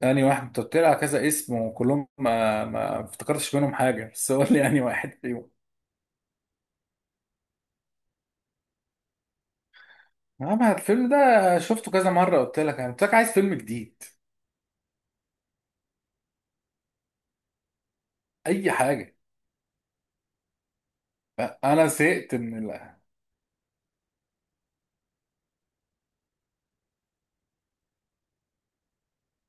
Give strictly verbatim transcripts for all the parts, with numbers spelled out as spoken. يعني واحد، انت قلت لي على كذا اسم وكلهم ما ما افتكرتش منهم حاجه، بس قول لي يعني واحد فيهم. اما الفيلم ده شفته كذا مره، قلت لك انا قلت لك عايز فيلم جديد. اي حاجه. انا زهقت من ال...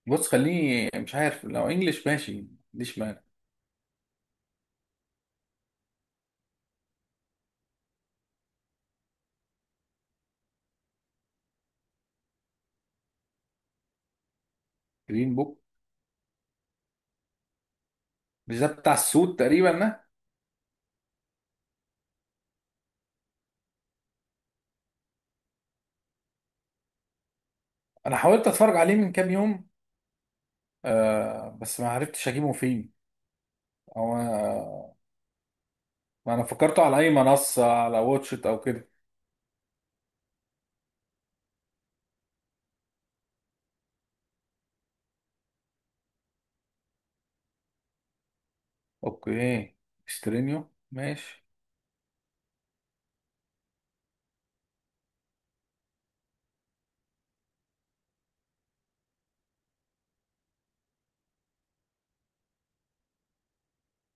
بص خليني مش عارف، لو انجليش ماشي ما عنديش مانع. جرين بوك. مش ده بتاع السود تقريبا ده؟ انا حاولت اتفرج عليه من كام يوم، آه بس ما عرفتش اجيبه فين. او انا، ما انا فكرته على اي منصه على واتش إت او كده. اوكي. استرينيو ماشي.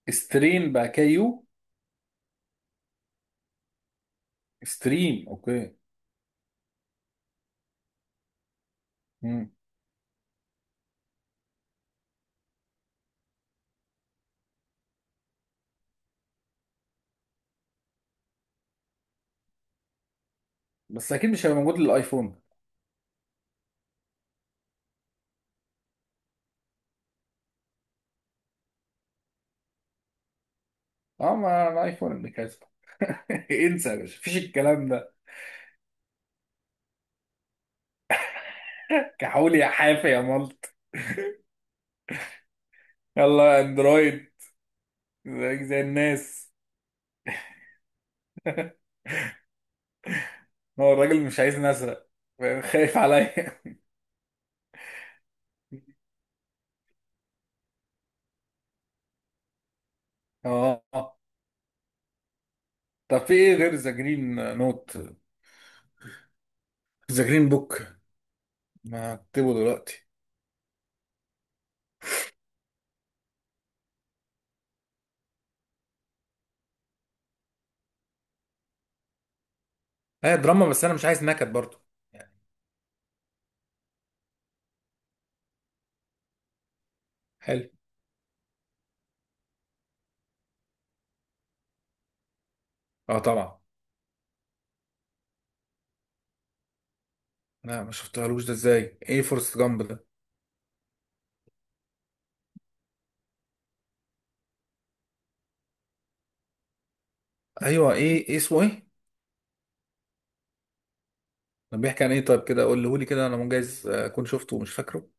ستريم بقى كيو. ستريم اوكي. مم. بس اكيد مش هيبقى موجود للايفون. اه ما الايفون اللي كاسب. انسى يا باشا، مفيش الكلام ده. كحول يا حافي يا ملط. يلا اندرويد. زيك زي الناس. هو الراجل مش عايزني اسرق فاهم؟ خايف عليا. اه، طب في ايه غير ذا جرين نوت؟ ذا جرين بوك. ما اكتبه دلوقتي. هي دراما بس انا مش عايز نكد برضو يعني. حلو. اه طبعا. لا ما شفتهالوش ده، ازاي ايه فورست جامب ده؟ ايوه، ايه ايه اسمه ايه. كان بيحكي عن ايه طيب؟ كده قوله لي كده، انا مجاز اكون شفته ومش فاكره.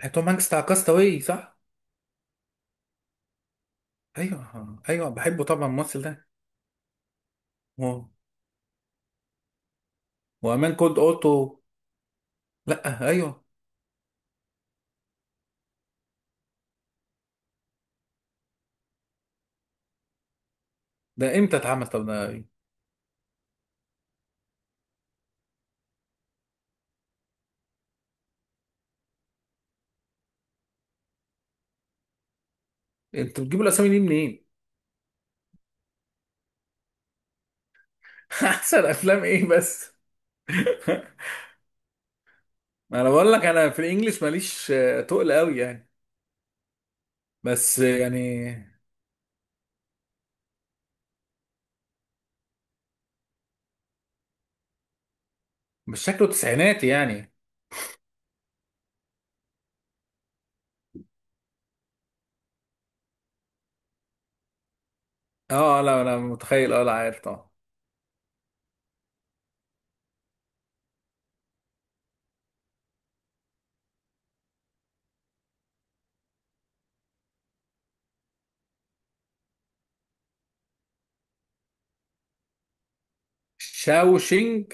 هي توم هانكس بتاع كاستاوي صح؟ ايوه ايوه بحبه طبعا الممثل ده. هو وامان كولد اوتو. لا ايوه. ده امتى اتعمل طب ده؟ انتوا بتجيبوا الاسامي دي منين؟ احسن افلام ايه بس. انا بقول لك، انا في الانجليش ماليش آه، تقل قوي يعني. بس آه، يعني، مش شكله تسعيناتي يعني؟ اه لا انا متخيل، اه لا عارف طبعا. شاوشينج.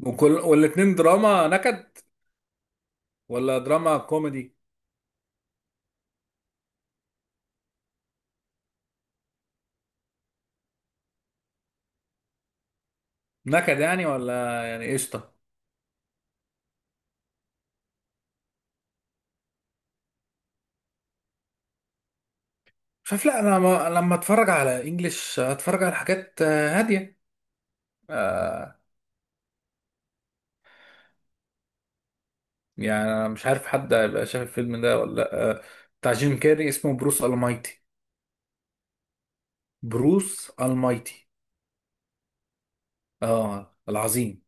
وكل والاتنين دراما نكد ولا دراما كوميدي؟ نكد يعني ولا يعني قشطه؟ شايف، لا انا ما- لما اتفرج على انجليش اتفرج على حاجات آه، هاديه. آه، يعني انا مش عارف حد هيبقى شايف الفيلم ده ولا لا. آه، بتاع جيم كاري اسمه بروس المايتي. بروس المايتي. اه العظيم.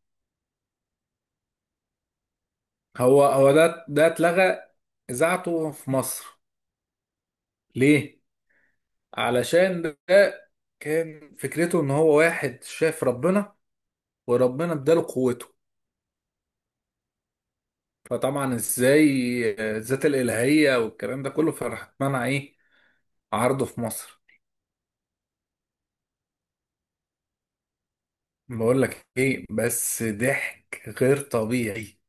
هو هو ده ده اتلغى اذاعته في مصر. ليه؟ علشان ده كان فكرته ان هو واحد شاف ربنا، وربنا اداله قوته، فطبعا ازاي آه، الذات الالهيه والكلام ده كله، فراح اتمنع ايه، عرضه في مصر. بقول لك ايه؟ بس ضحك غير طبيعي.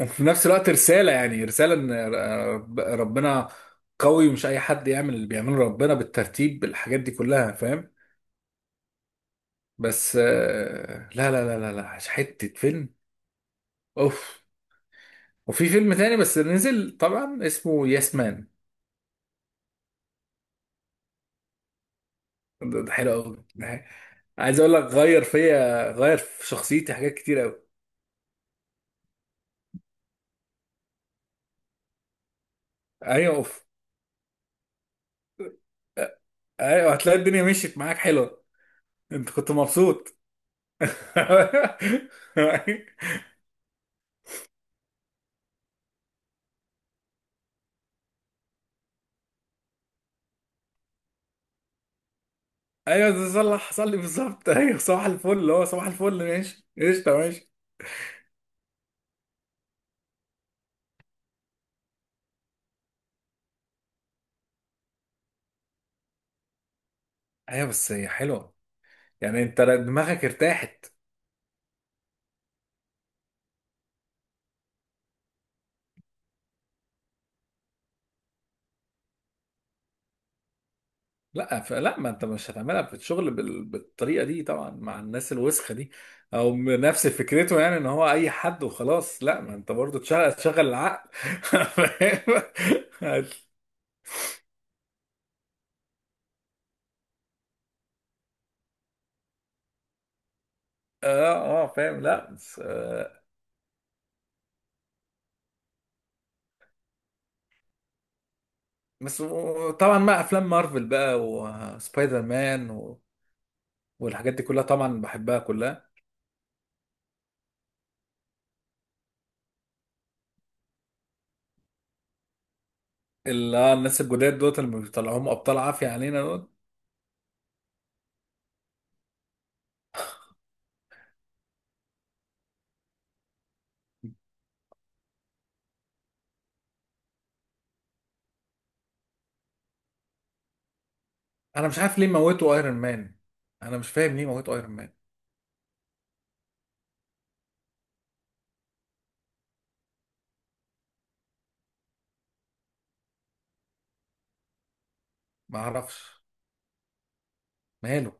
وفي نفس الوقت رساله، يعني رساله ان رب- ربنا قوي، ومش اي حد يعمل اللي بيعمله ربنا بالترتيب بالحاجات دي كلها فاهم. بس آه، لا لا لا لا لا، حته فيلم. اوف. وفي فيلم تاني بس نزل طبعا اسمه ياسمان. ده ده حلو قوي، ده حلو. عايز اقول لك، غير فيا، غير في شخصيتي حاجات كتير قوي. ايوه اوف. ايوه، هتلاقي الدنيا مشيت معاك حلوه. انت كنت مبسوط؟ ايوه، ده صلح حصل لي بالظبط. ايوه صباح الفل، اللي هو صباح الفل ماشي قشطه ماشي. ايوه بس هي حلوه، يعني انت دماغك ارتاحت. لا فلا، ما انت مش هتعملها في الشغل بال... بالطريقه دي طبعا مع الناس الوسخه دي. او م- نفس فكرته، يعني ان هو اي حد وخلاص، لا ما انت برضو تشغل تشغل العقل. فاهم. اه اه فاهم، لا بس آه بس و- طبعا مع افلام مارفل بقى وسبايدر مان و... والحاجات دي كلها طبعا بحبها كلها. اللي آه، الناس الجداد دوت اللي بيطلعوهم ابطال عافيه علينا دوت. انا مش عارف ليه موتوا ايرون مان، انا مش فاهم ليه موتوا ايرون مان. ما اعرفش ماله،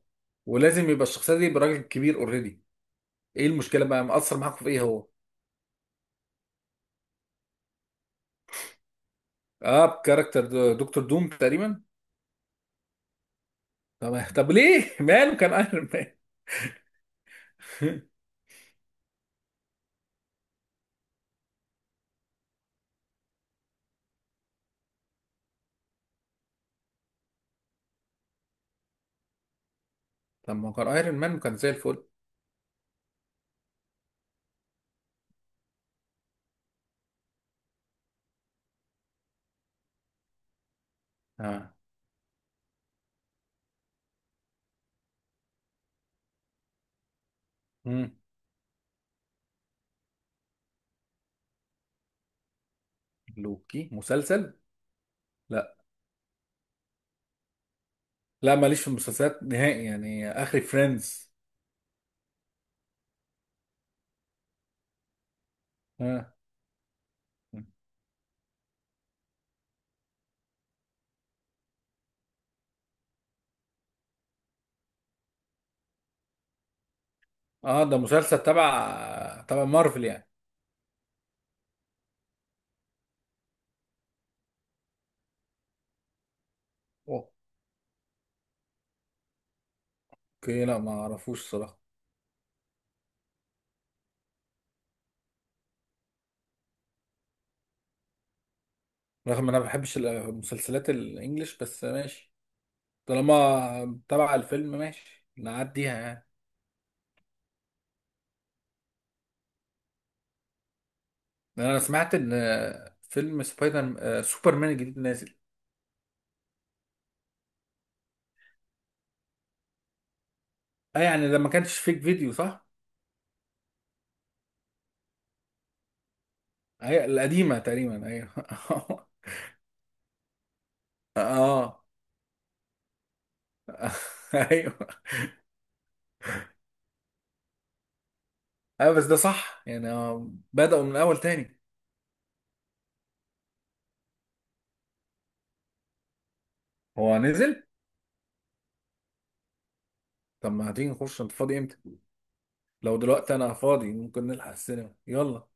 ولازم يبقى الشخصيه دي يبقى راجل كبير اوريدي، ايه المشكله بقى مأثر معاكم في ايه هو؟ اه بكاركتر دو- دكتور دوم تقريبا. طب طب ليه ماله كان ايرون مان. طب ما هو كان ايرون مان وكان زي الفل. اه. مم. لوكي مسلسل؟ لا. لا ماليش في المسلسلات نهائي، يعني اخري فريندز. اه. اه ده مسلسل تبع تبع مارفل يعني. اوكي لا، ما اعرفوش صراحه. رغم ان انا ما بحبش المسلسلات الانجليش، بس ماشي، طالما تبع الفيلم ماشي نعديها يعني. لأن انا سمعت ان آه، فيلم سبايدر آه، سوبرمان الجديد نازل. اه يعني ده ما كانش فيك فيديو صح؟ اي القديمه تقريبا، ايوه. اه. ايوه. ايوه بس ده صح يعني، آه، بدأوا من الاول تاني. هو نزل؟ طب ما هتيجي نخش، انت فاضي امتى؟ لو دلوقتي انا فاضي ممكن نلحق السينما، يلا.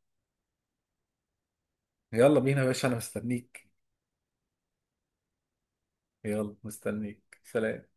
يلا بينا يا باشا، انا مستنيك. يلا مستنيك، سلام.